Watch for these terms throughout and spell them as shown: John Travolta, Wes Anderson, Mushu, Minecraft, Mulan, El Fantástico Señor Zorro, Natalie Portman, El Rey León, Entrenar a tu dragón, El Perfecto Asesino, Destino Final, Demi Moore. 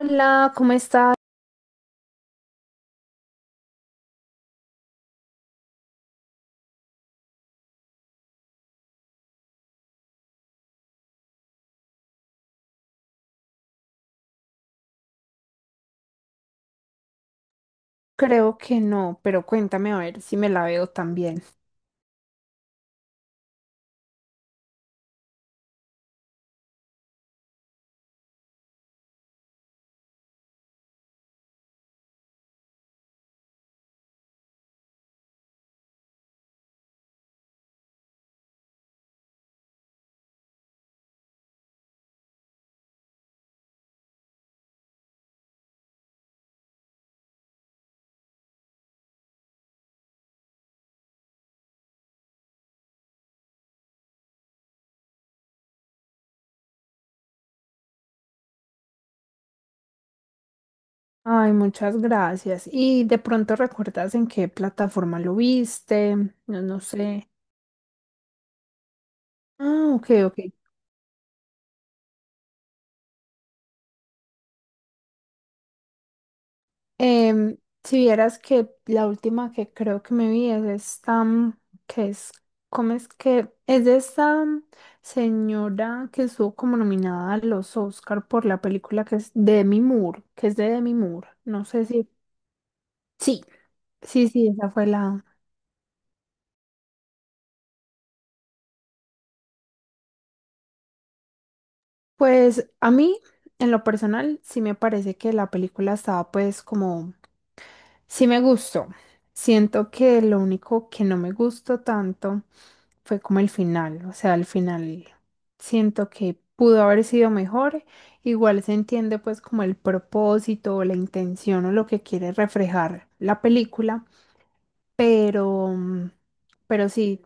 Hola, ¿cómo estás? Creo que no, pero cuéntame a ver si me la veo también. Ay, muchas gracias. ¿Y de pronto recuerdas en qué plataforma lo viste? No, no sé. Ah, ok, ok. Em, si vieras que la última que creo que me vi es esta, que es, ¿cómo es que? Es de esta señora que estuvo como nominada a los Oscar por la película que es de Demi Moore, que es de Demi Moore. No sé si... Sí, sí, sí, esa fue la... Pues a mí, en lo personal, sí me parece que la película estaba pues como, sí me gustó. Siento que lo único que no me gustó tanto fue como el final, o sea, el final siento que pudo haber sido mejor. Igual se entiende pues como el propósito o la intención o lo que quiere reflejar la película. Pero, pero sí,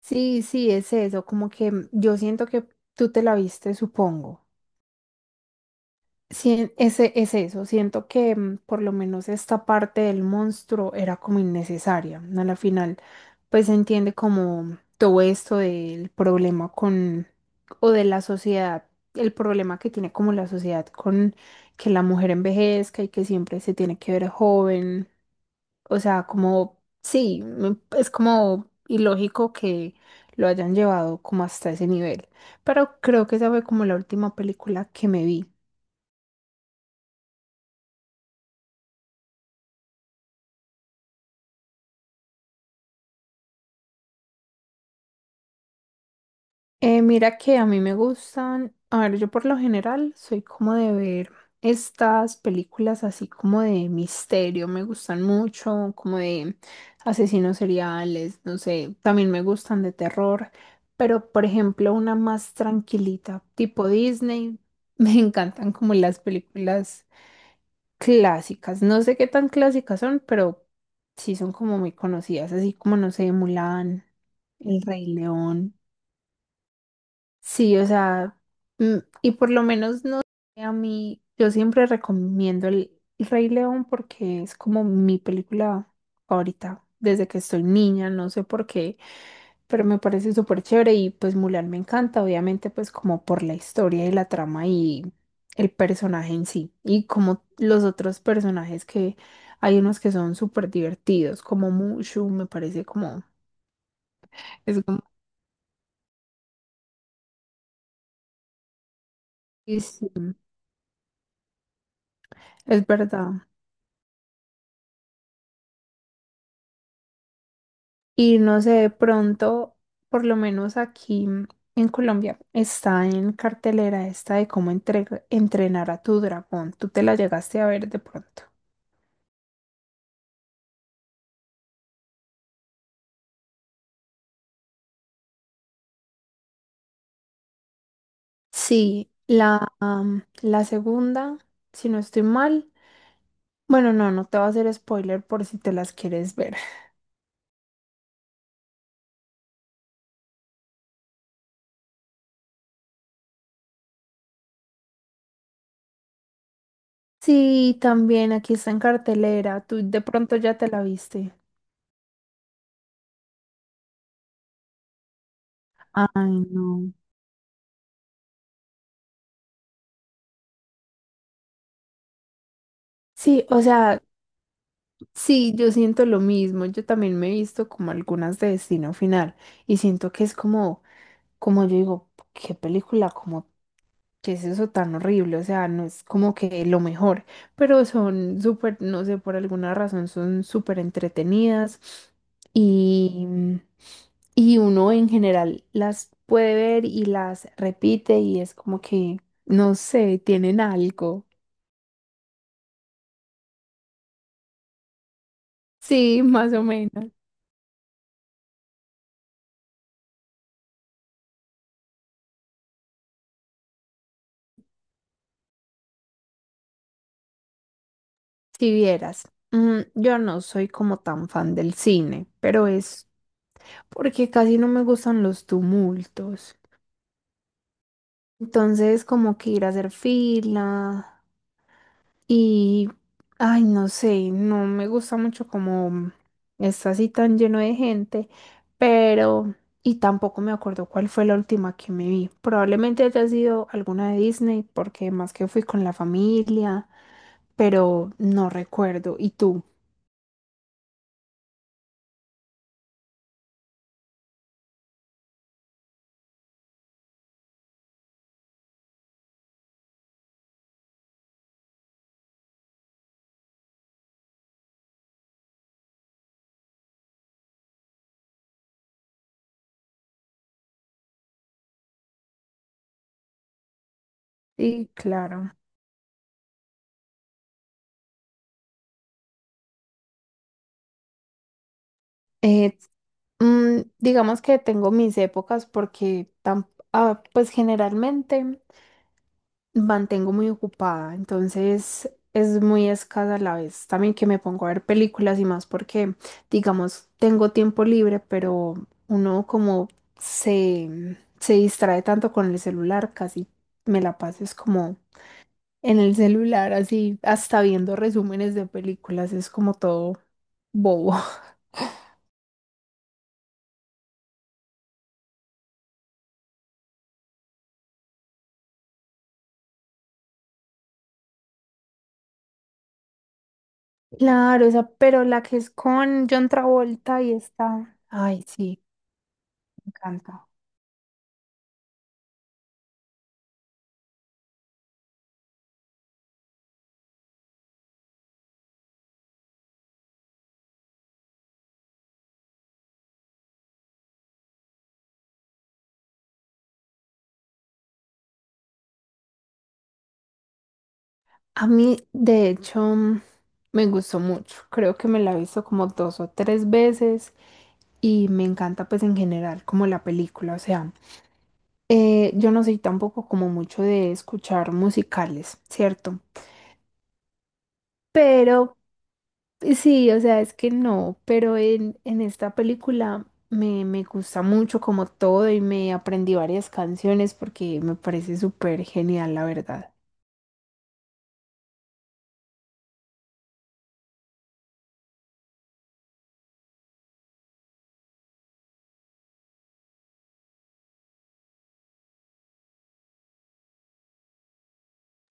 sí, es eso, como que yo siento que tú te la viste, supongo. Sí, ese es eso. Siento que por lo menos esta parte del monstruo era como innecesaria, ¿no? A la final, pues se entiende como todo esto del problema con, o de la sociedad, el problema que tiene como la sociedad con que la mujer envejezca y que siempre se tiene que ver joven. O sea, como, sí, es como ilógico que lo hayan llevado como hasta ese nivel. Pero creo que esa fue como la última película que me vi. Mira que a mí me gustan, a ver, yo por lo general soy como de ver estas películas así como de misterio, me gustan mucho, como de asesinos seriales, no sé, también me gustan de terror, pero por ejemplo una más tranquilita, tipo Disney, me encantan como las películas clásicas, no sé qué tan clásicas son, pero sí son como muy conocidas, así como no sé, Mulan, El Rey León. Sí, o sea, mm, y por lo menos no sé, a mí, yo siempre recomiendo el Rey León porque es como mi película favorita desde que estoy niña, no sé por qué, pero me parece súper chévere y pues Mulan me encanta, obviamente pues como por la historia y la trama y el personaje en sí y como los otros personajes que hay unos que son súper divertidos, como Mushu, me parece como, es como, sí, sí, es verdad. Y no sé, de pronto, por lo menos aquí en Colombia, está en cartelera esta de cómo entrenar a tu dragón. Tú te la llegaste a ver de pronto. Sí, la, la segunda, si no estoy mal. Bueno, no, no te voy a hacer spoiler por si te las quieres ver. Sí, también aquí está en cartelera. Tú de pronto ya te la viste. Ay, no. Sí, o sea, sí, yo siento lo mismo. Yo también me he visto como algunas de Destino Final y siento que es como, como yo digo, qué película, como qué es eso tan horrible. O sea, no es como que lo mejor, pero son súper, no sé, por alguna razón son súper entretenidas y, y uno en general las puede ver y las repite y es como que, no sé, tienen algo. Sí, más o menos. Si vieras, yo no soy como tan fan del cine, pero es porque casi no me gustan los tumultos. Entonces, como que ir a hacer fila y, ay, no sé, no me gusta mucho como está así tan lleno de gente, pero, y tampoco me acuerdo cuál fue la última que me vi. Probablemente haya sido alguna de Disney, porque más que fui con la familia, pero no recuerdo. ¿Y tú? Sí, claro. Eh, digamos que tengo mis épocas porque ah, pues generalmente mantengo muy ocupada, entonces es muy escasa la vez también que me pongo a ver películas y más porque, digamos, tengo tiempo libre, pero uno como se distrae tanto con el celular, casi me la paso es como en el celular, así hasta viendo resúmenes de películas, es como todo bobo. Claro, esa, pero la que es con John Travolta y está. Ay, sí, me encanta. A mí, de hecho, me gustó mucho. Creo que me la he visto como dos o tres veces y me encanta pues en general como la película. O sea, yo no soy tampoco como mucho de escuchar musicales, ¿cierto? Pero sí, o sea, es que no, pero en esta película me gusta mucho como todo y me aprendí varias canciones porque me parece súper genial, la verdad.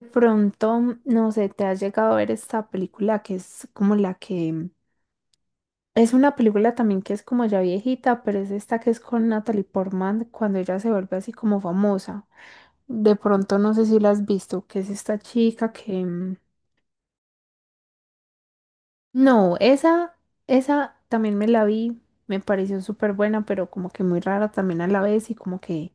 De pronto, no sé, te has llegado a ver esta película que es como la que... Es una película también que es como ya viejita, pero es esta que es con Natalie Portman cuando ella se vuelve así como famosa. De pronto, no sé si la has visto, que es esta chica que... No, esa también me la vi, me pareció súper buena, pero como que muy rara también a la vez y como que,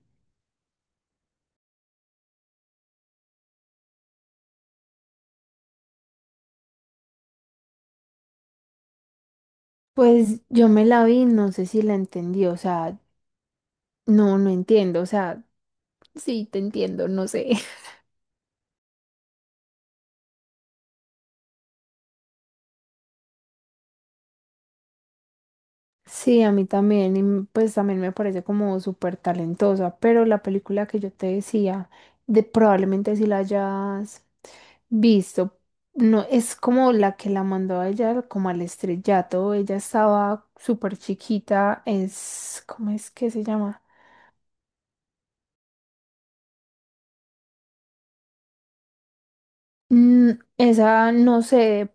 pues yo me la vi, no sé si la entendí, o sea, no, no entiendo, o sea, sí, te entiendo, no sé. Sí, a mí también, y pues también me parece como súper talentosa, pero la película que yo te decía, de probablemente si la hayas visto, no es como la que la mandó a ella como al estrellato, ella estaba súper chiquita, es, ¿cómo es que se llama? Mm, esa, no sé,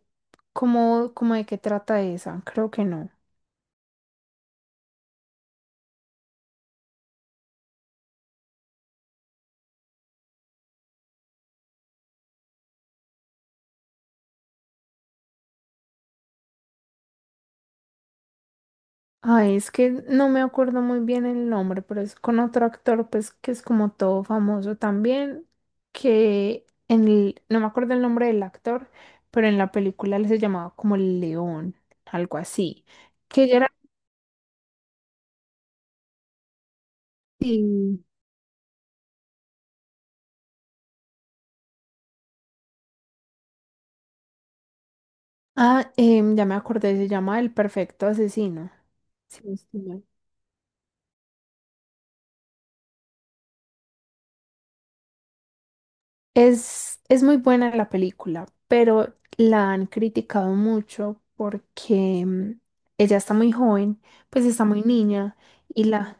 cómo, cómo de qué trata esa, creo que no. Ay, es que no me acuerdo muy bien el nombre, pero es con otro actor, pues que es como todo famoso también, que en el, no me acuerdo el nombre del actor, pero en la película él se llamaba como el León, algo así, que ya era... sí. Ah, ya me acordé, se llama El Perfecto Asesino. Sí, sí, es muy buena la película, pero la han criticado mucho porque ella está muy joven, pues está muy niña y la...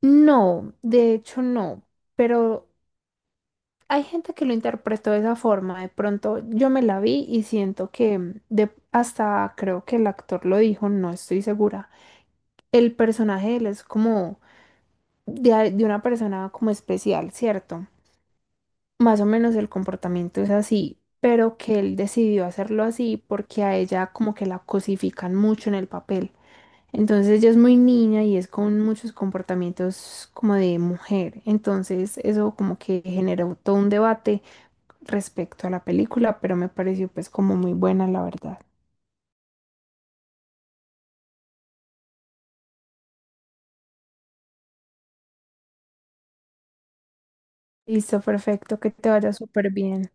No, de hecho no, pero hay gente que lo interpretó de esa forma. De pronto yo me la vi y siento que de, hasta creo que el actor lo dijo, no estoy segura. El personaje de él es como de, de una persona como especial, ¿cierto? Más o menos el comportamiento es así, pero que él decidió hacerlo así porque a ella como que la cosifican mucho en el papel. Entonces ella es muy niña y es con muchos comportamientos como de mujer. Entonces eso como que generó todo un debate respecto a la película, pero me pareció pues como muy buena la verdad. Listo, perfecto, que te vaya súper bien.